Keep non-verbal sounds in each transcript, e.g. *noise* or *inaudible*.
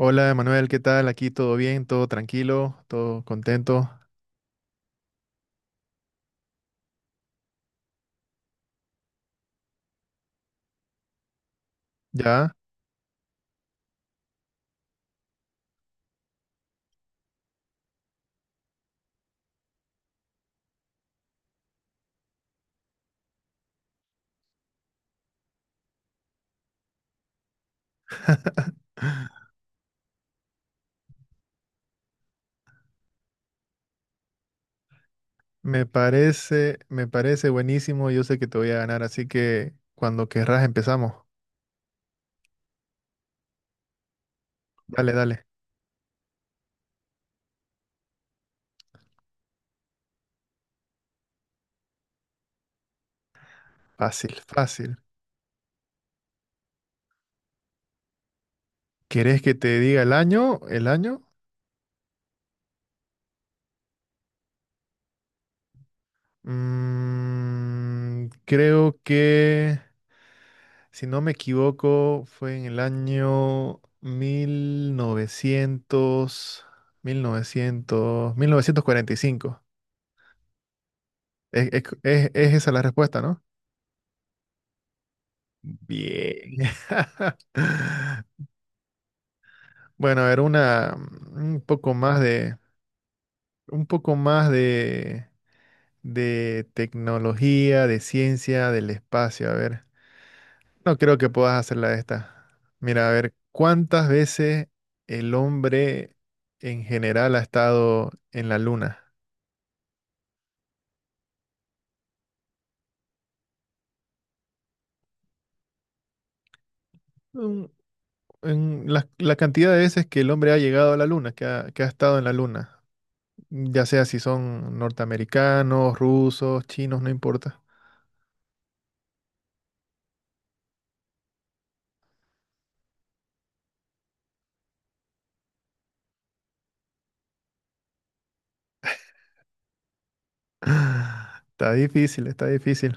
Hola, Manuel, ¿qué tal? Aquí todo bien, todo tranquilo, todo contento. Ya, me parece buenísimo. Yo sé que te voy a ganar, así que cuando querrás empezamos. Dale, dale. Fácil, fácil. ¿Querés que te diga el año? ¿El año? Creo que, si no me equivoco, fue en el año 1945. Es esa la respuesta, ¿no? Bien. *laughs* Bueno, a ver, una un poco más de un poco más de tecnología, de ciencia, del espacio, a ver. No creo que puedas hacerla de esta. Mira, a ver, ¿cuántas veces el hombre en general ha estado en la luna? Mm, en la cantidad de veces que el hombre ha llegado a la luna, que ha estado en la luna, ya sea si son norteamericanos, rusos, chinos, no importa. *laughs* Está difícil, está difícil.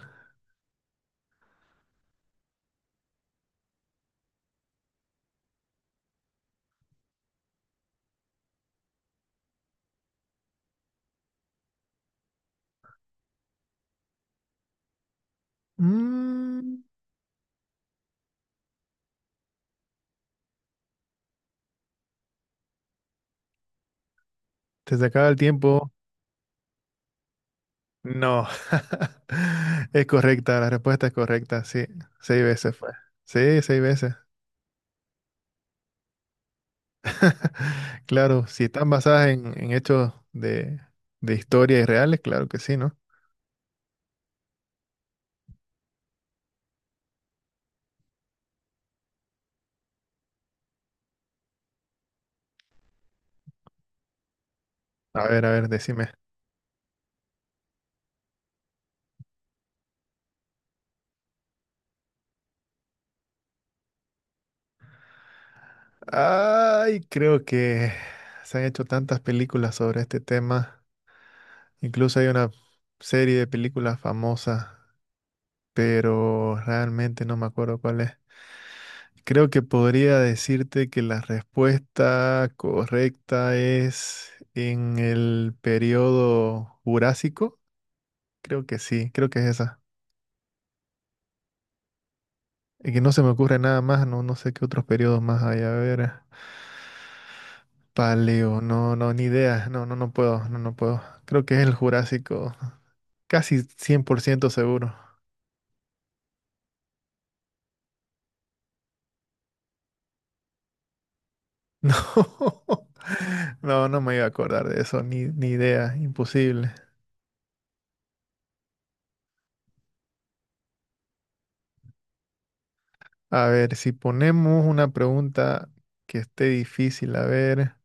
Mm, ¿Te se acaba el tiempo? No. *laughs* Es correcta, la respuesta es correcta, sí. 6 veces fue. Sí, seis veces. *laughs* Claro, si están basadas en hechos de historia y reales, claro que sí, ¿no? A ver, decime. Ay, creo que se han hecho tantas películas sobre este tema. Incluso hay una serie de películas famosas, pero realmente no me acuerdo cuál es. Creo que podría decirte que la respuesta correcta es en el periodo Jurásico. Creo que sí, creo que es esa. Y que no se me ocurre nada más, no, no sé qué otros periodos más hay. A ver, Paleo, no, no, ni idea. No, no, no puedo, no, no puedo. Creo que es el Jurásico, casi 100% seguro. *laughs* No, no, no me iba a acordar de eso, ni idea, imposible. A ver, si ponemos una pregunta que esté difícil, a ver,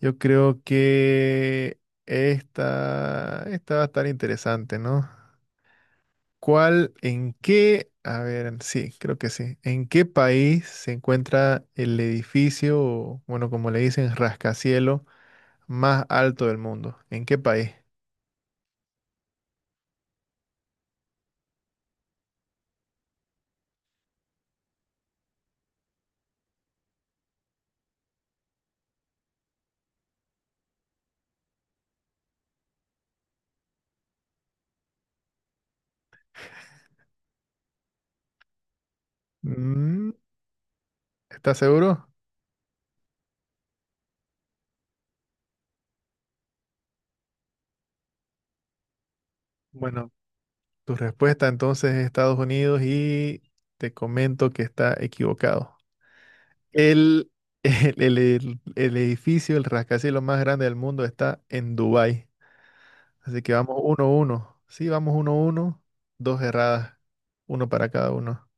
yo creo que esta va a estar interesante, ¿no? ¿Cuál, en qué, a ver, sí, creo que sí, en qué país se encuentra el edificio, o, bueno, como le dicen, rascacielos más alto del mundo? ¿En qué país? Mm, ¿Estás seguro? Bueno, tu respuesta entonces es Estados Unidos y te comento que está equivocado. El, *laughs* el edificio, el rascacielos más grande del mundo está en Dubái. Así que vamos 1-1. Sí, vamos 1-1. Dos erradas. Uno para cada uno.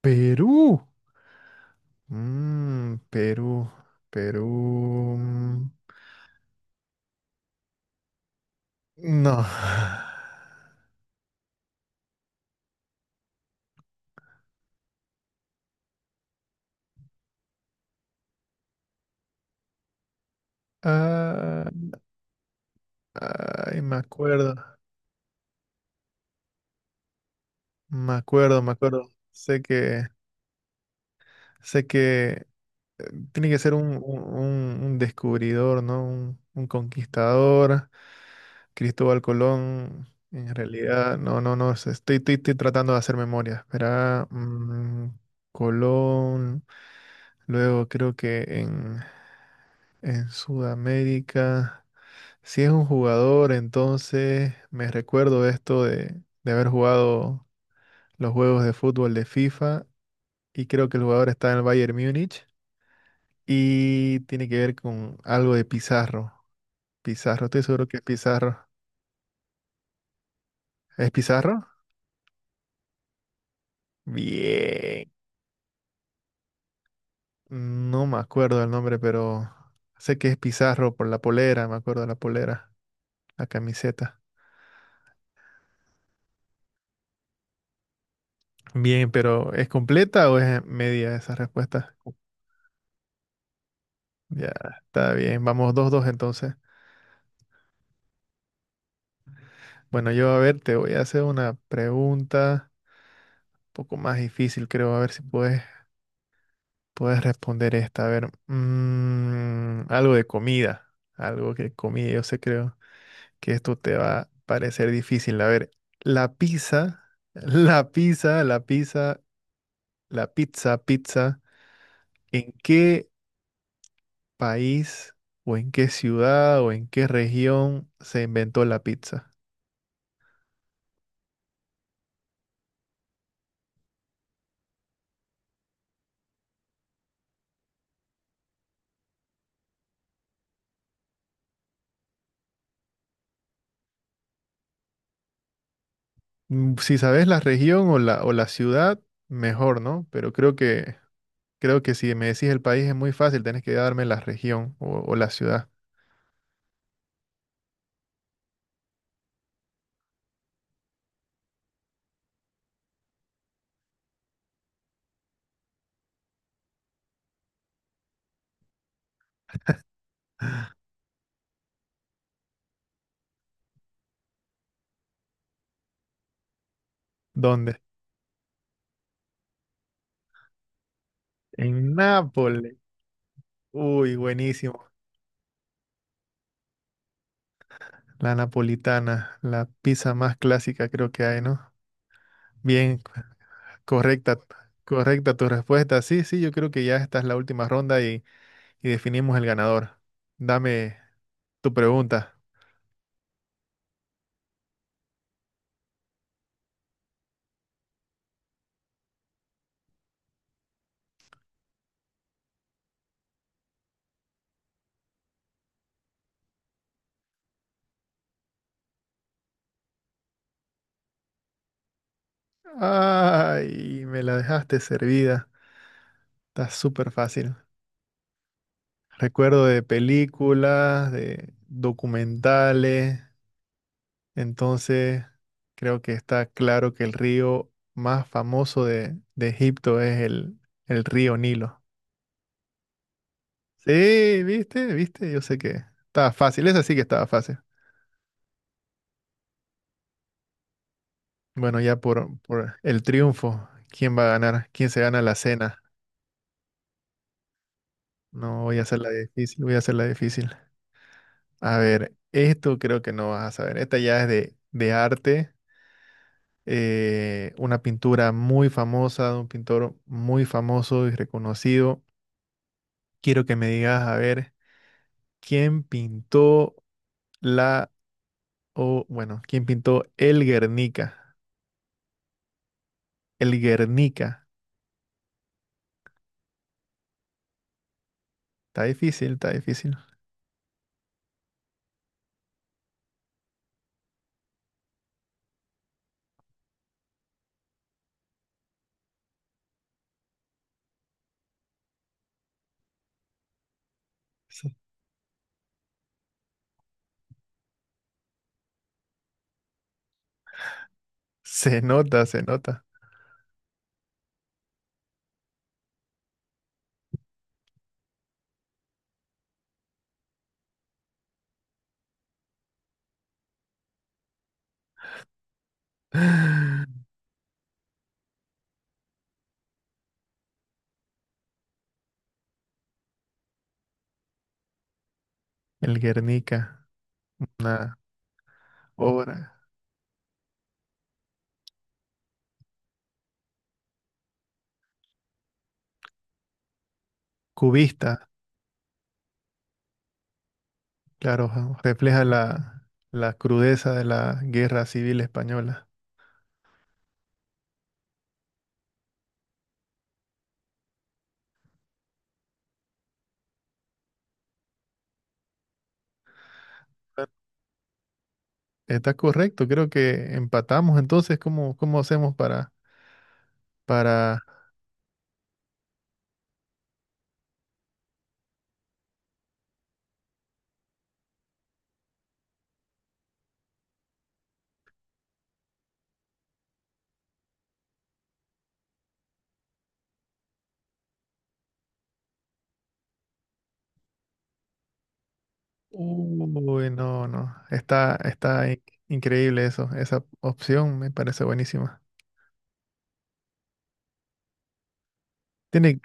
Perú. Mm, Perú. Perú. No. *sighs* Ah, ay, me acuerdo. Me acuerdo, me acuerdo. Sé que eh, tiene que ser un, un descubridor, ¿no? Un conquistador. Cristóbal Colón, en realidad, no, no, no, estoy tratando de hacer memoria. Espera, Colón, luego creo que en, Sudamérica, si es un jugador, entonces me recuerdo esto de haber jugado los juegos de fútbol de FIFA y creo que el jugador está en el Bayern Múnich y tiene que ver con algo de Pizarro. Pizarro, estoy seguro que es Pizarro. ¿Es Pizarro? Bien. No me acuerdo el nombre, pero sé que es Pizarro por la polera, me acuerdo de la polera, la camiseta. Bien, pero ¿es completa o es media esa respuesta? Ya, está bien, vamos 2-2 entonces. Bueno, yo a ver, te voy a hacer una pregunta un poco más difícil, creo, a ver si puedes responder esta. A ver, algo de comida, algo que comida, yo sé, creo que esto te va a parecer difícil. A ver, la pizza, *laughs* la pizza, la pizza La pizza, pizza, ¿en qué país o en qué ciudad o en qué región se inventó la pizza? Si sabes la región o o la ciudad, mejor, ¿no? Pero creo que si me decís el país es muy fácil, tenés que darme la región o la ciudad. ¿Dónde? En Nápoles. Uy, buenísimo. La napolitana, la pizza más clásica creo que hay, ¿no? Bien, correcta, correcta tu respuesta. Sí, sí, yo creo que ya esta es la última ronda y definimos el ganador. Dame tu pregunta. Ay, me la dejaste servida. Está súper fácil. Recuerdo de películas, de documentales. Entonces, creo que está claro que el río más famoso de Egipto es el río Nilo. Sí, viste, viste, yo sé que estaba fácil. Esa sí que estaba fácil. Bueno, ya por el triunfo, ¿quién va a ganar? ¿Quién se gana la cena? No voy a hacerla difícil, voy a hacerla difícil. A ver, esto creo que no vas a saber. Esta ya es de arte, una pintura muy famosa de un pintor muy famoso y reconocido. Quiero que me digas, a ver, ¿quién pintó la, o bueno, quién pintó el Guernica? El Guernica. Está difícil, está difícil. Sí. Se nota, se nota. *gasps* *laughs* El Guernica, una obra cubista. Claro, ja, refleja la crudeza de la guerra civil española. Está correcto, creo que empatamos. Entonces, cómo hacemos para. Uy, no, no. Está increíble eso. Esa opción me parece buenísima. Tiene...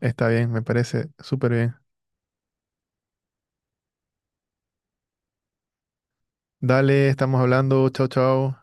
Está bien, me parece súper bien. Dale, estamos hablando. Chao, chao.